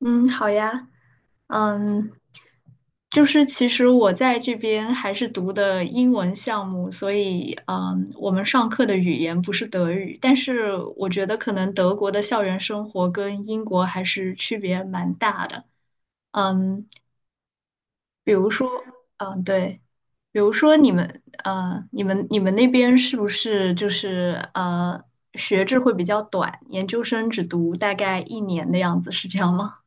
嗯，好呀，嗯，就是其实我在这边还是读的英文项目，所以我们上课的语言不是德语，但是我觉得可能德国的校园生活跟英国还是区别蛮大的。嗯，比如说，嗯，对，比如说你们，你们那边是不是就是学制会比较短，研究生只读大概1年的样子，是这样吗？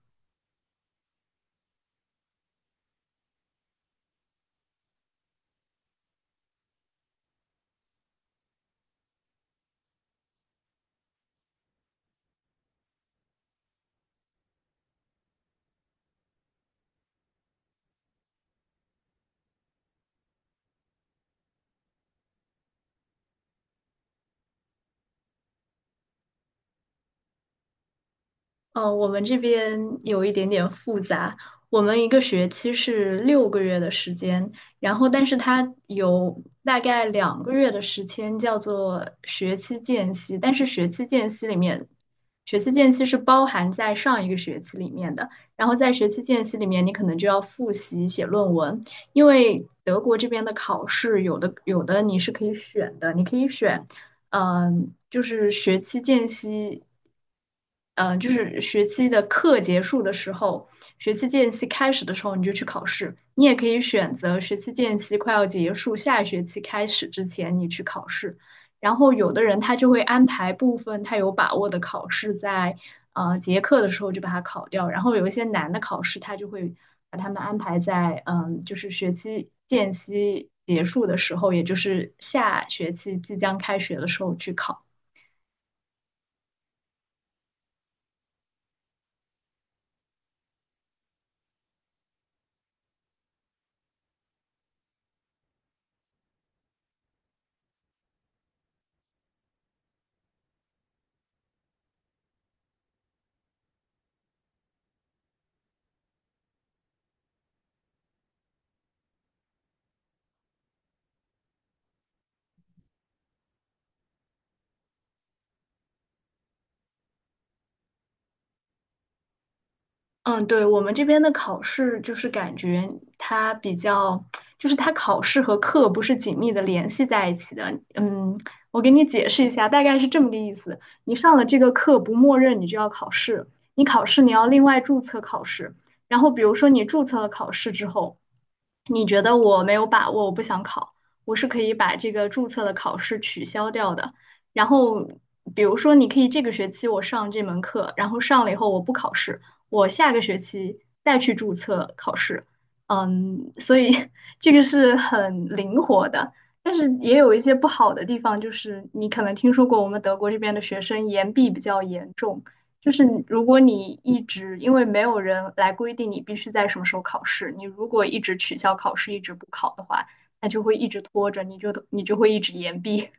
我们这边有一点点复杂。我们一个学期是6个月的时间，然后但是它有大概2个月的时间叫做学期间隙，但是学期间隙里面，学期间隙是包含在上一个学期里面的。然后在学期间隙里面，你可能就要复习写论文，因为德国这边的考试有的你是可以选的，你可以选。就是学期间隙，嗯、就是学期的课结束的时候，学期间隙开始的时候你就去考试。你也可以选择学期间隙快要结束，下学期开始之前你去考试。然后有的人他就会安排部分他有把握的考试在结课的时候就把它考掉，然后有一些难的考试他就会把他们安排在就是学期间隙结束的时候，也就是下学期即将开学的时候去考。嗯，对，我们这边的考试就是感觉它比较，就是它考试和课不是紧密的联系在一起的。嗯，我给你解释一下，大概是这么个意思。你上了这个课，不默认你就要考试，你考试你要另外注册考试。然后比如说你注册了考试之后，你觉得我没有把握，我不想考，我是可以把这个注册的考试取消掉的。然后，比如说，你可以这个学期我上这门课，然后上了以后我不考试，我下个学期再去注册考试。嗯，所以 这个是很灵活的，但是也有一些不好的地方，就是你可能听说过我们德国这边的学生延毕比较严重。就是你如果你一直，因为没有人来规定你必须在什么时候考试，你如果一直取消考试，一直不考的话，那就会一直拖着，你就会一直延毕。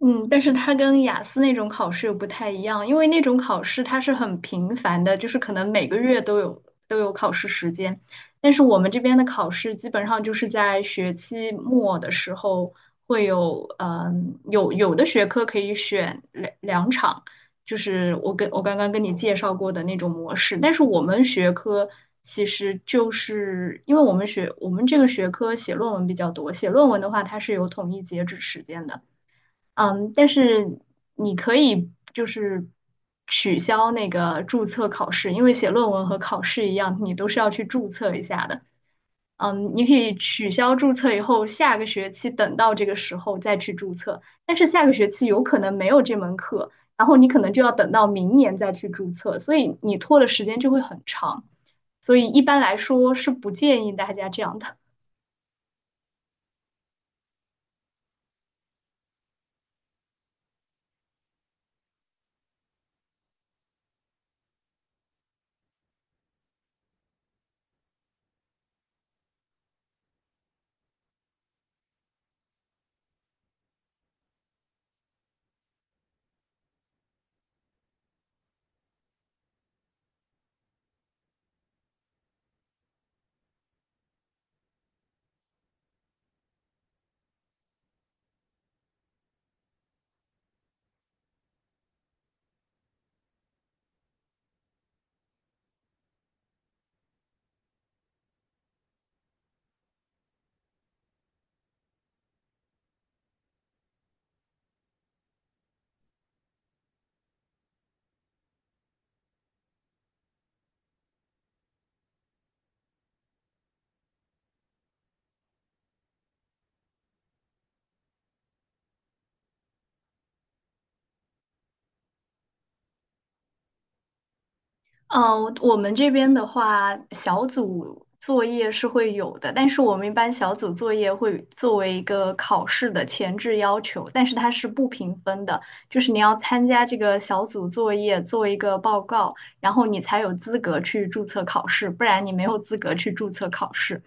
嗯，但是它跟雅思那种考试又不太一样，因为那种考试它是很频繁的，就是可能每个月都有考试时间。但是我们这边的考试基本上就是在学期末的时候会有，嗯，有有的学科可以选两场，就是我刚刚跟你介绍过的那种模式。但是我们学科其实就是因为我们这个学科写论文比较多，写论文的话它是有统一截止时间的。嗯，但是你可以就是取消那个注册考试，因为写论文和考试一样，你都是要去注册一下的。嗯，你可以取消注册以后，下个学期等到这个时候再去注册，但是下个学期有可能没有这门课，然后你可能就要等到明年再去注册，所以你拖的时间就会很长。所以一般来说是不建议大家这样的。嗯，我们这边的话，小组作业是会有的，但是我们一般小组作业会作为一个考试的前置要求，但是它是不评分的，就是你要参加这个小组作业，做一个报告，然后你才有资格去注册考试，不然你没有资格去注册考试。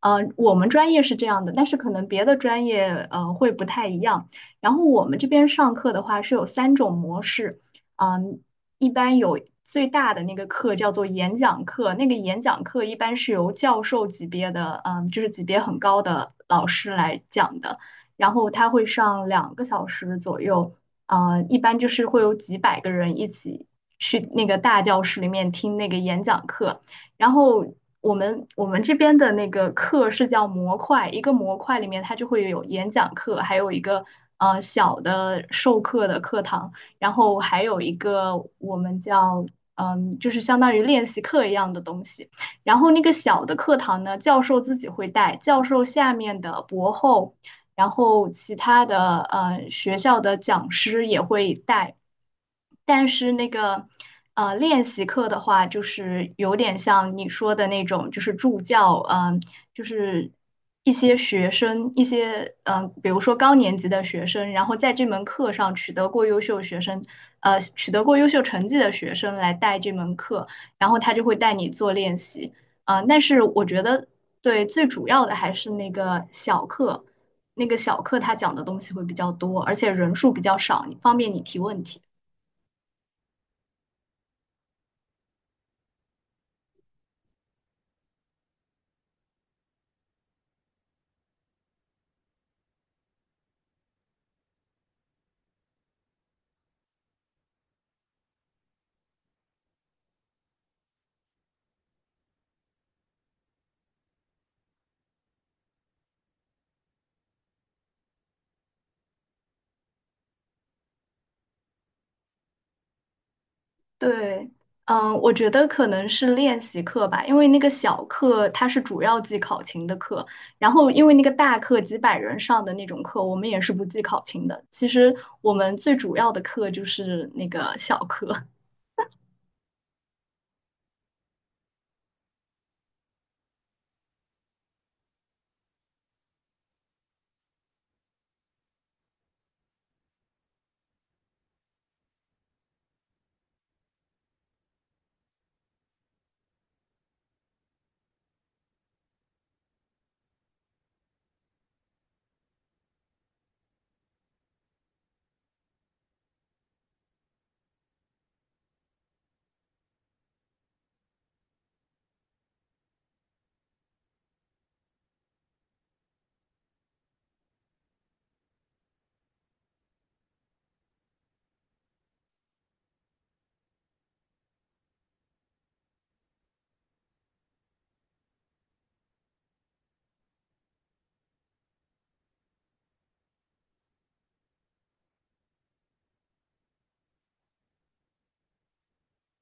我们专业是这样的，但是可能别的专业会不太一样。然后我们这边上课的话是有3种模式。嗯，一般有最大的那个课叫做演讲课，那个演讲课一般是由教授级别的，嗯，就是级别很高的老师来讲的，然后他会上2个小时左右，一般就是会有几百个人一起去那个大教室里面听那个演讲课，然后。我们这边的那个课是叫模块，一个模块里面它就会有演讲课，还有一个小的授课的课堂。然后还有一个我们叫就是相当于练习课一样的东西。然后那个小的课堂呢，教授自己会带，教授下面的博后，然后其他的学校的讲师也会带。但是那个练习课的话，就是有点像你说的那种，就是助教，就是一些学生，一些比如说高年级的学生，然后在这门课上取得过优秀学生，取得过优秀成绩的学生来带这门课，然后他就会带你做练习，但是我觉得，对，最主要的还是那个小课。那个小课他讲的东西会比较多，而且人数比较少，方便你提问题。对，嗯，我觉得可能是练习课吧，因为那个小课它是主要记考勤的课，然后因为那个大课几百人上的那种课，我们也是不记考勤的。其实我们最主要的课就是那个小课。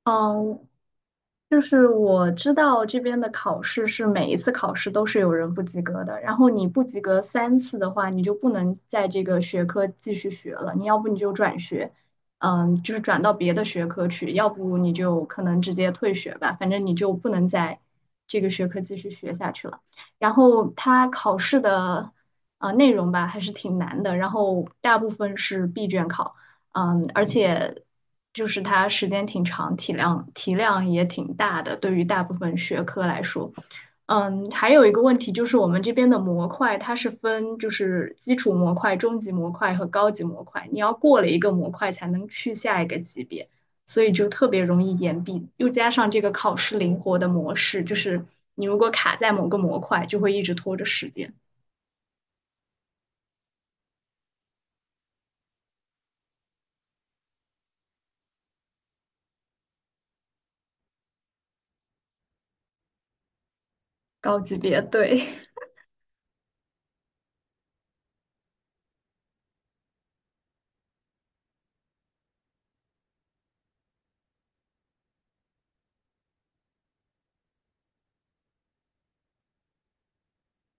嗯，就是我知道这边的考试是每一次考试都是有人不及格的，然后你不及格3次的话，你就不能在这个学科继续学了，你要不你就转学，嗯，就是转到别的学科去，要不你就可能直接退学吧，反正你就不能在这个学科继续学下去了。然后它考试的内容吧还是挺难的，然后大部分是闭卷考。嗯，而且就是它时间挺长，体量也挺大的，对于大部分学科来说。嗯，还有一个问题就是我们这边的模块它是分就是基础模块、中级模块和高级模块，你要过了一个模块才能去下一个级别，所以就特别容易延毕。又加上这个考试灵活的模式，就是你如果卡在某个模块，就会一直拖着时间。高级别，对。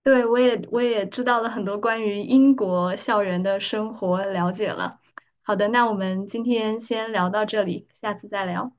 对，我也知道了很多关于英国校园的生活了解了。好的，那我们今天先聊到这里，下次再聊。